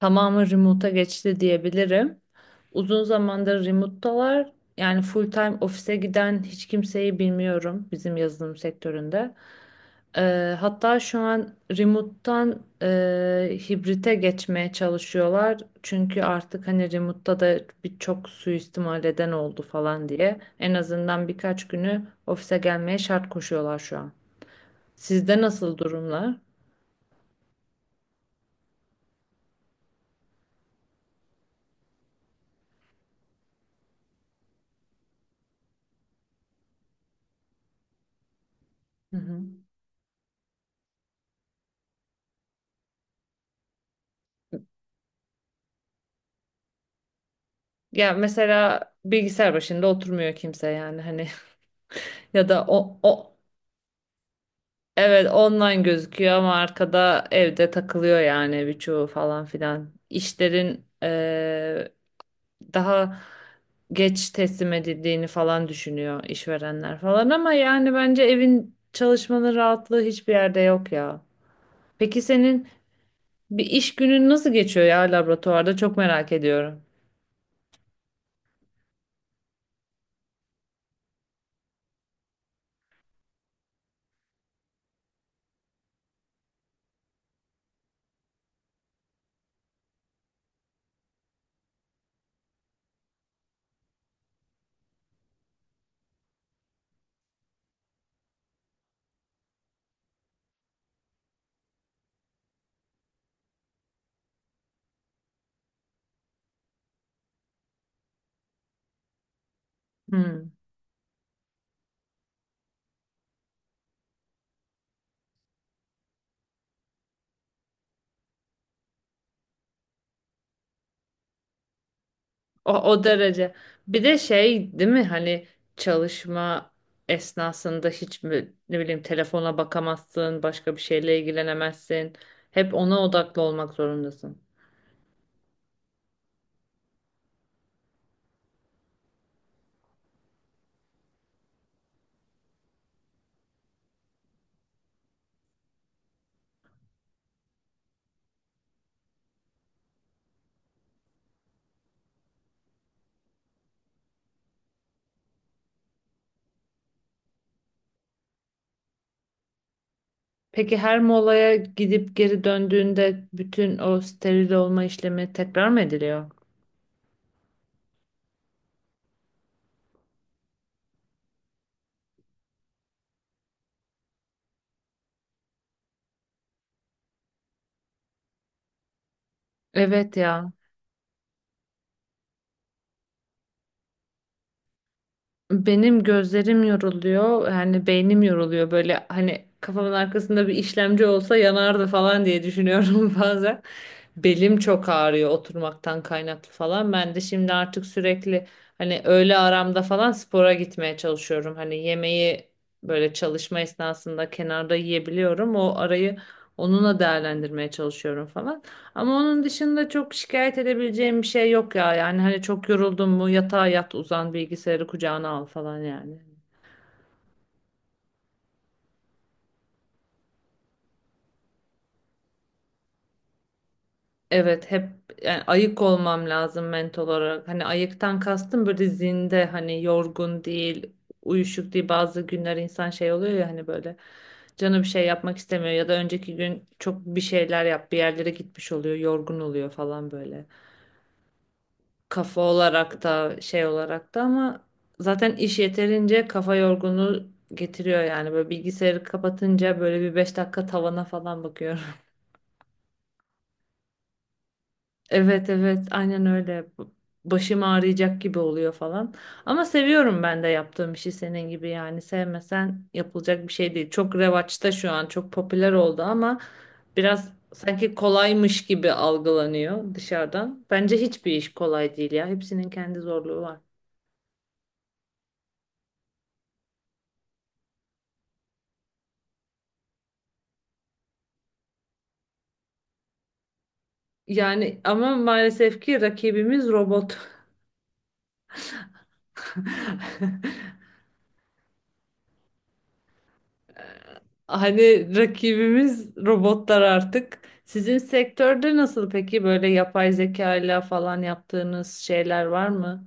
Tamamı remote'a geçti diyebilirim. Uzun zamandır remote'dalar. Yani full time ofise giden hiç kimseyi bilmiyorum bizim yazılım sektöründe. Hatta şu an remote'tan hibrite geçmeye çalışıyorlar. Çünkü artık hani remote'da da birçok suistimal eden oldu falan diye. En azından birkaç günü ofise gelmeye şart koşuyorlar şu an. Sizde nasıl durumlar? Hı hı. Ya mesela bilgisayar başında oturmuyor kimse yani hani. Ya da o evet online gözüküyor ama arkada evde takılıyor yani birçoğu falan filan. İşlerin daha geç teslim edildiğini falan düşünüyor işverenler falan ama yani bence evin çalışmanın rahatlığı hiçbir yerde yok ya. Peki senin bir iş günün nasıl geçiyor ya laboratuvarda? Çok merak ediyorum. Hmm. O derece. Bir de şey değil mi hani çalışma esnasında hiç mi, ne bileyim telefona bakamazsın, başka bir şeyle ilgilenemezsin. Hep ona odaklı olmak zorundasın. Peki her molaya gidip geri döndüğünde bütün o steril olma işlemi tekrar mı ediliyor? Evet ya. Benim gözlerim yoruluyor. Yani beynim yoruluyor. Böyle hani kafamın arkasında bir işlemci olsa yanardı falan diye düşünüyorum bazen. Belim çok ağrıyor oturmaktan kaynaklı falan. Ben de şimdi artık sürekli hani öğle aramda falan spora gitmeye çalışıyorum. Hani yemeği böyle çalışma esnasında kenarda yiyebiliyorum. O arayı onunla değerlendirmeye çalışıyorum falan. Ama onun dışında çok şikayet edebileceğim bir şey yok ya. Yani hani çok yoruldun mu yatağa yat uzan bilgisayarı kucağına al falan yani. Evet hep yani ayık olmam lazım mental olarak. Hani ayıktan kastım böyle zinde hani yorgun değil, uyuşuk değil. Bazı günler insan şey oluyor ya hani böyle canı bir şey yapmak istemiyor ya da önceki gün çok bir şeyler yap bir yerlere gitmiş oluyor, yorgun oluyor falan böyle. Kafa olarak da şey olarak da ama zaten iş yeterince kafa yorgunluğu getiriyor yani böyle bilgisayarı kapatınca böyle bir 5 dakika tavana falan bakıyorum. Evet evet aynen öyle. Başım ağrıyacak gibi oluyor falan. Ama seviyorum ben de yaptığım işi senin gibi yani sevmesen yapılacak bir şey değil. Çok revaçta şu an çok popüler oldu ama biraz sanki kolaymış gibi algılanıyor dışarıdan. Bence hiçbir iş kolay değil ya. Hepsinin kendi zorluğu var. Yani ama maalesef ki rakibimiz robot. Hani rakibimiz robotlar artık. Sizin sektörde nasıl peki böyle yapay zeka ile falan yaptığınız şeyler var mı?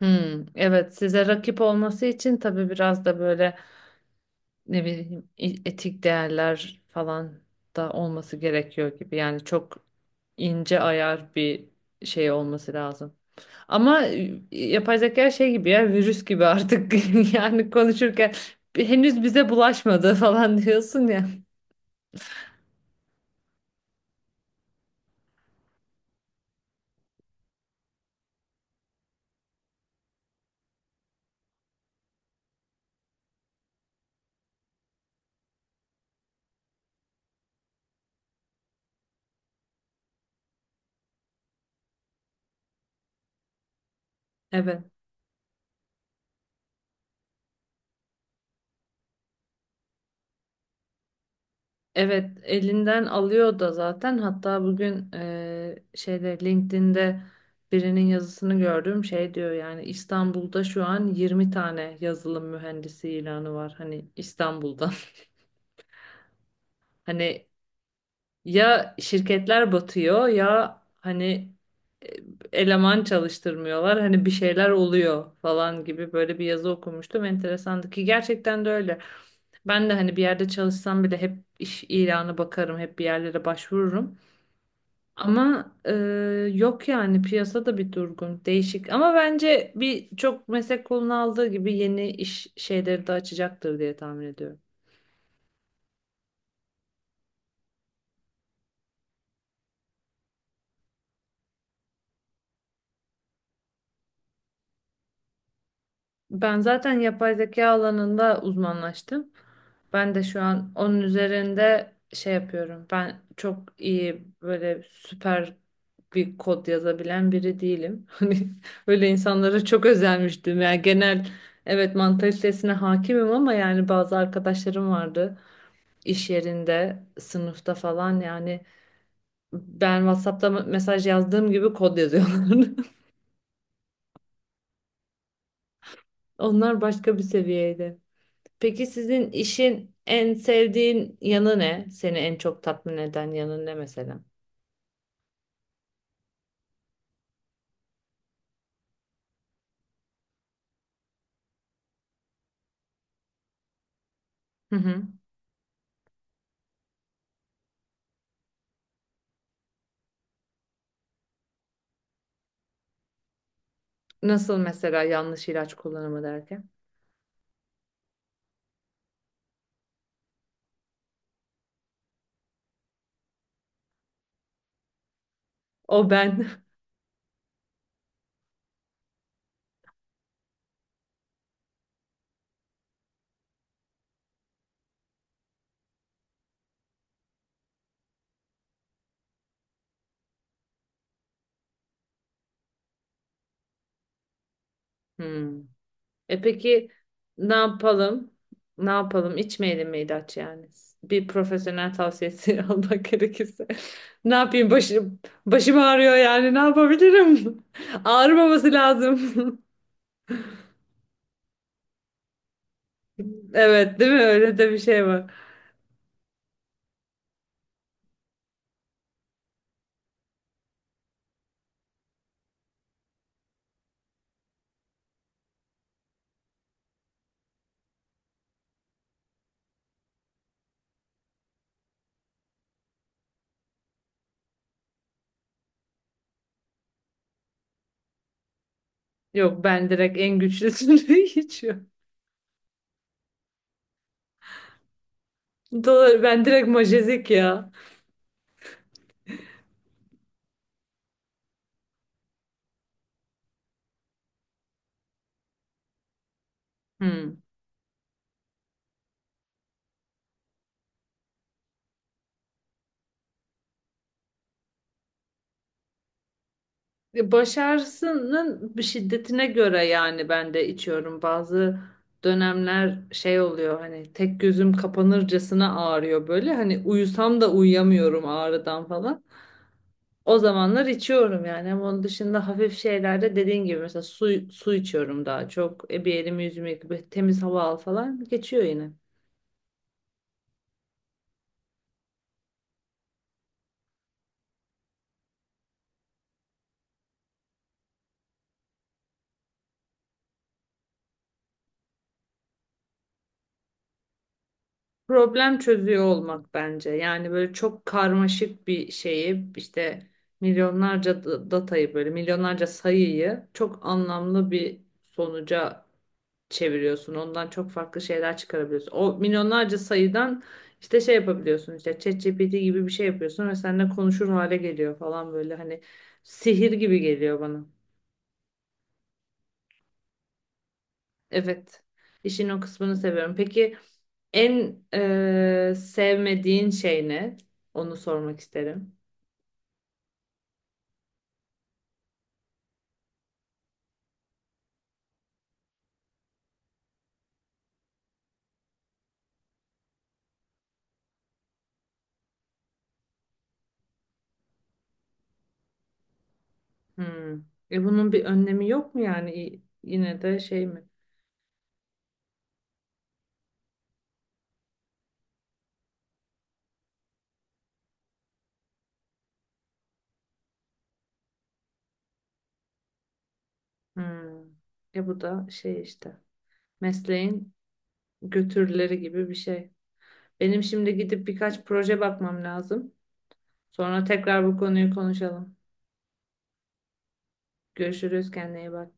Hmm, evet size rakip olması için tabii biraz da böyle ne bileyim etik değerler falan da olması gerekiyor gibi. Yani çok ince ayar bir şey olması lazım. Ama yapay zeka şey gibi ya virüs gibi artık yani konuşurken henüz bize bulaşmadı falan diyorsun ya. Evet, evet elinden alıyor da zaten. Hatta bugün şeyde LinkedIn'de birinin yazısını gördüm. Şey diyor yani İstanbul'da şu an 20 tane yazılım mühendisi ilanı var. Hani İstanbul'da. Hani ya şirketler batıyor ya hani e, eleman çalıştırmıyorlar hani bir şeyler oluyor falan gibi böyle bir yazı okumuştum enteresandı ki gerçekten de öyle. Ben de hani bir yerde çalışsam bile hep iş ilanı bakarım hep bir yerlere başvururum. Ama yok yani piyasada bir durgun değişik ama bence bir çok meslek kolunu aldığı gibi yeni iş şeyleri de açacaktır diye tahmin ediyorum. Ben zaten yapay zeka alanında uzmanlaştım. Ben de şu an onun üzerinde şey yapıyorum. Ben çok iyi böyle süper bir kod yazabilen biri değilim. Hani öyle insanlara çok özenmiştim. Yani genel evet mantalitesine hakimim ama yani bazı arkadaşlarım vardı iş yerinde, sınıfta falan yani ben WhatsApp'ta mesaj yazdığım gibi kod yazıyorlardı. Onlar başka bir seviyeydi. Peki sizin işin en sevdiğin yanı ne? Seni en çok tatmin eden yanı ne mesela? Hı hı. Nasıl mesela yanlış ilaç kullanımı derken? O ben. Hmm. E peki ne yapalım? Ne yapalım? İçmeyelim mi ilaç yani? Bir profesyonel tavsiyesi almak gerekirse. Ne yapayım? Başım ağrıyor yani. Ne yapabilirim? Ağrımaması lazım. Evet, değil mi? Öyle de bir şey var. Yok ben direkt en güçlüsünü içiyorum. Doğru, ben direkt majezik ya. Hmm. Başarısının şiddetine göre yani ben de içiyorum. Bazı dönemler şey oluyor hani tek gözüm kapanırcasına ağrıyor böyle. Hani uyusam da uyuyamıyorum ağrıdan falan. O zamanlar içiyorum yani. Ama onun dışında hafif şeylerde dediğin gibi mesela su içiyorum daha çok. E, bir elimi yüzümü yıkayıp temiz hava al falan geçiyor yine. Problem çözüyor olmak bence. Yani böyle çok karmaşık bir şeyi işte milyonlarca datayı böyle milyonlarca sayıyı çok anlamlı bir sonuca çeviriyorsun. Ondan çok farklı şeyler çıkarabiliyorsun. O milyonlarca sayıdan işte şey yapabiliyorsun işte ChatGPT gibi bir şey yapıyorsun ve seninle konuşur hale geliyor falan böyle hani sihir gibi geliyor bana. Evet. İşin o kısmını seviyorum. Peki en sevmediğin şey ne? Onu sormak isterim. Hmm. E bunun bir önlemi yok mu yani? Yine de şey mi? Hmm. E bu da şey işte. Mesleğin götürüleri gibi bir şey. Benim şimdi gidip birkaç proje bakmam lazım. Sonra tekrar bu konuyu konuşalım. Görüşürüz. Kendine iyi bak.